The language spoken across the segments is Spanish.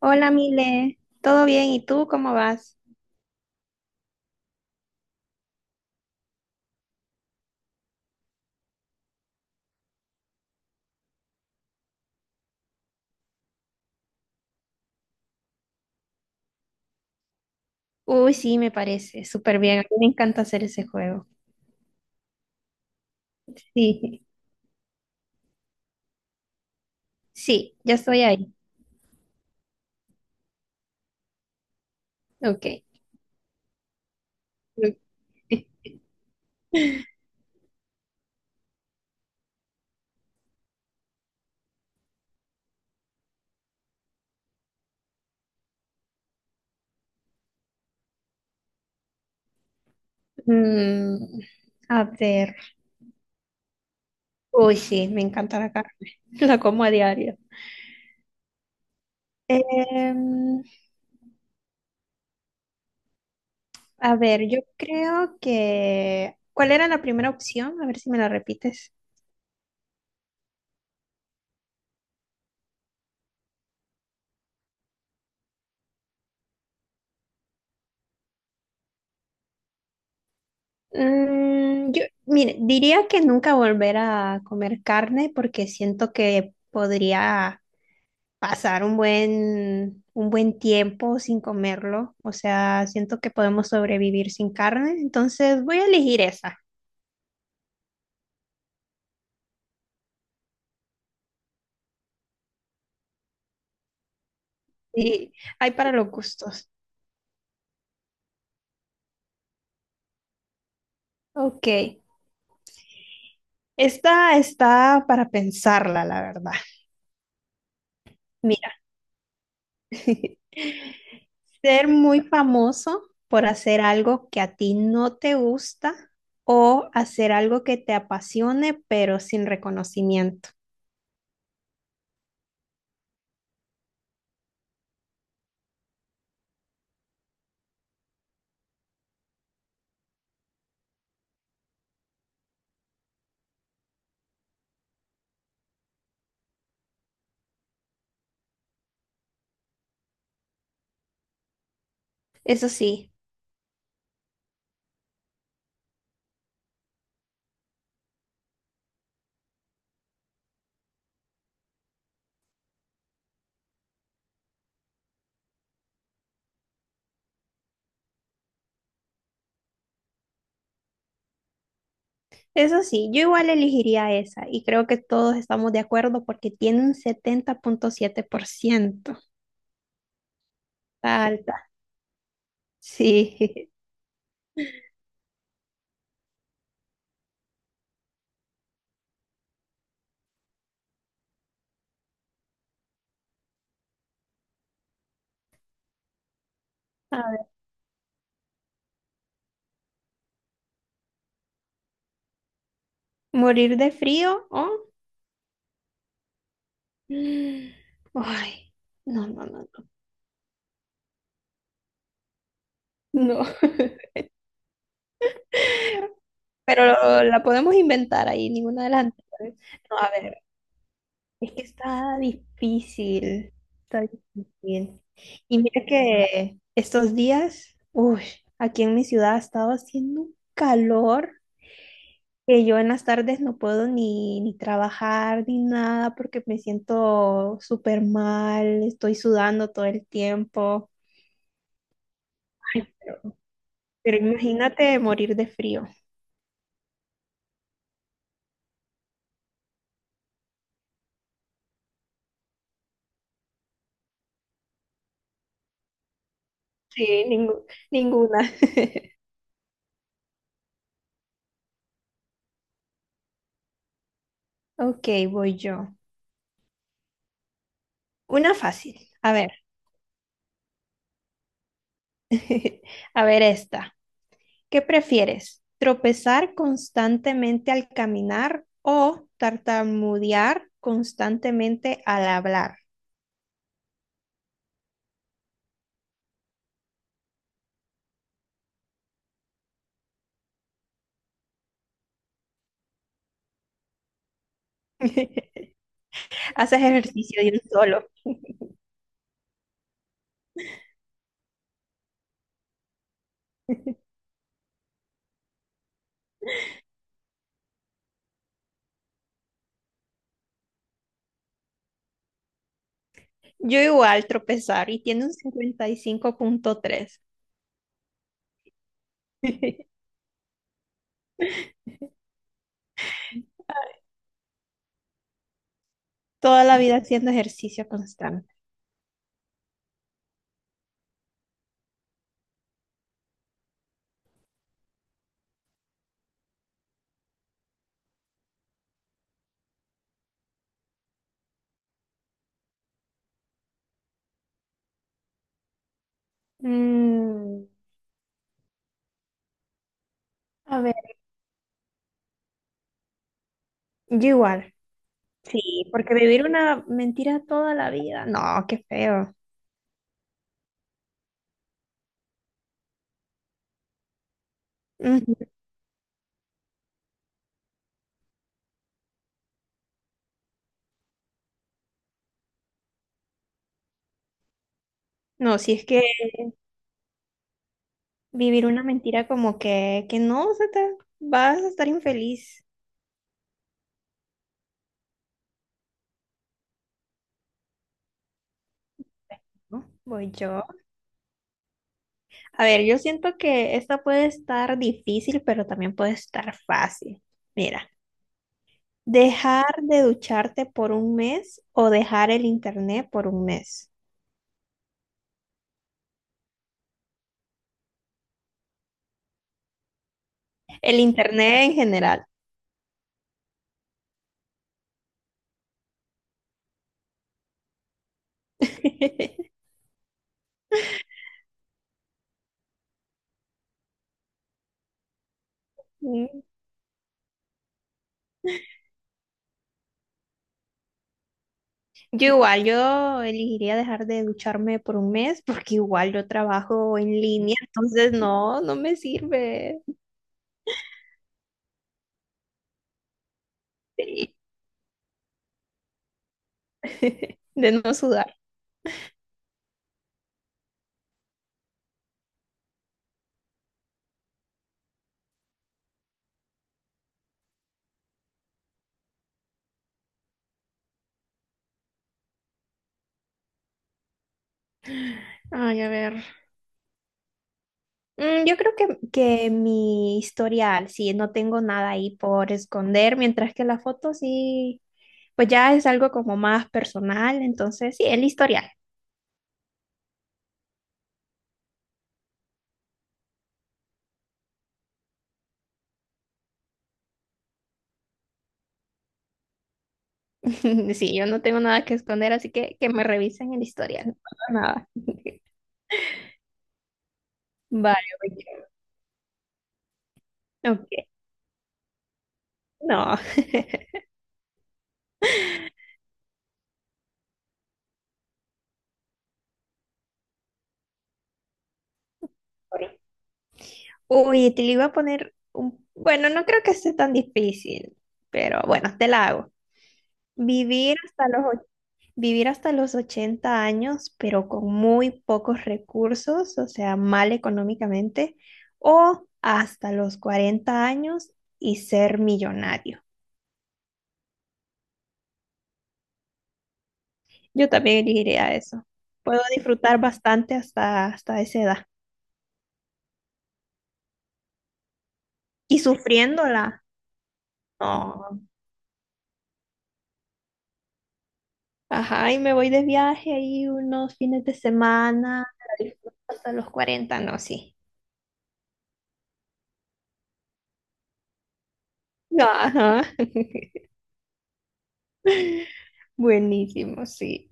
Hola, Mile. ¿Todo bien? ¿Y tú cómo vas? Uy, sí, me parece. Súper bien. A mí me encanta hacer ese juego. Sí, sí, ya estoy ahí. Ok. ok. Mm, a ver. Uy, sí, me encanta la carne. La como a diario. Em, a ver, yo creo que... ¿Cuál era la primera opción? A ver si me la repites. Yo, mire, diría que nunca volver a comer carne porque siento que podría pasar un buen tiempo sin comerlo. O sea, siento que podemos sobrevivir sin carne, entonces voy a elegir esa. Y hay para los gustos. Ok, esta está para pensarla, la verdad. Mira, ser muy famoso por hacer algo que a ti no te gusta o hacer algo que te apasione pero sin reconocimiento. Eso sí. Eso sí, yo igual elegiría esa y creo que todos estamos de acuerdo porque tiene un 70,7%. Está alta. Sí. A ver, morir de frío o... Mm. Ay, no, no, no, no. No. Pero la podemos inventar ahí, ninguna de las anteriores. No, a ver, es que está difícil. Está difícil. Y mira que estos días, uy, aquí en mi ciudad ha estado haciendo un calor que yo en las tardes no puedo ni trabajar ni nada porque me siento súper mal, estoy sudando todo el tiempo. Ay, pero imagínate morir de frío. Sí, ninguna. Ok, voy yo. Una fácil. A ver, a ver esta. ¿Qué prefieres? ¿Tropezar constantemente al caminar o tartamudear constantemente al hablar? Haces ejercicio de un solo. Yo igual tropezar y tiene un 55,3. Toda la vida haciendo ejercicio constante. Mm, a ver, yo igual. Sí, porque vivir una mentira toda la vida, no, qué feo. Ujú. No, si es que vivir una mentira como que no, se te, vas a estar infeliz. ¿No? Voy yo. A ver, yo siento que esta puede estar difícil, pero también puede estar fácil. Mira, dejar de ducharte por un mes o dejar el internet por un mes. El internet en general. Mm. Yo igual, yo elegiría dejar de ducharme por un mes porque igual yo trabajo en línea, entonces no, no me sirve. Sí. De no sudar. Ay, a ver. Yo creo que mi historial, sí, no tengo nada ahí por esconder, mientras que la foto sí, pues ya es algo como más personal, entonces sí, el historial. Sí, yo no tengo nada que esconder, así que me revisen el historial, no pasa nada. Vale, ok, ok, no. Uy, te lo iba a poner un... Bueno, no creo que esté tan difícil, pero bueno, te la hago. Vivir hasta los, och- vivir hasta los 80 años, pero con muy pocos recursos, o sea, mal económicamente, o hasta los 40 años y ser millonario. Yo también elegiría eso. Puedo disfrutar bastante hasta esa edad. Y sufriéndola. No. Ajá, y me voy de viaje ahí unos fines de semana, la disfruto hasta los cuarenta no, sí. Ajá. Buenísimo, sí.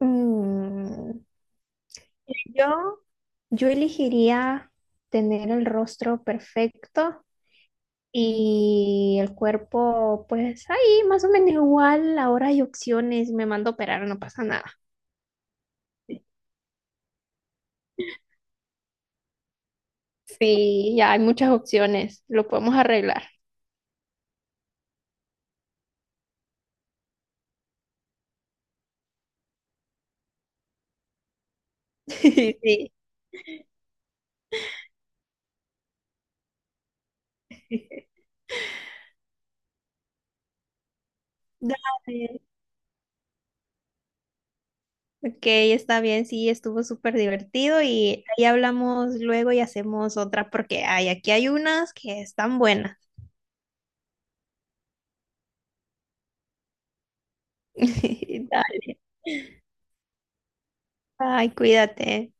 Mm. Yo, yo elegiría tener el rostro perfecto y el cuerpo, pues ahí más o menos igual. Ahora hay opciones, me mando a operar, no pasa nada. Sí, ya hay muchas opciones, lo podemos arreglar. Sí. Dale. Ok, está bien, sí, estuvo súper divertido y ahí hablamos luego y hacemos otra porque hay, aquí hay unas que están buenas. Dale. Ay, cuídate.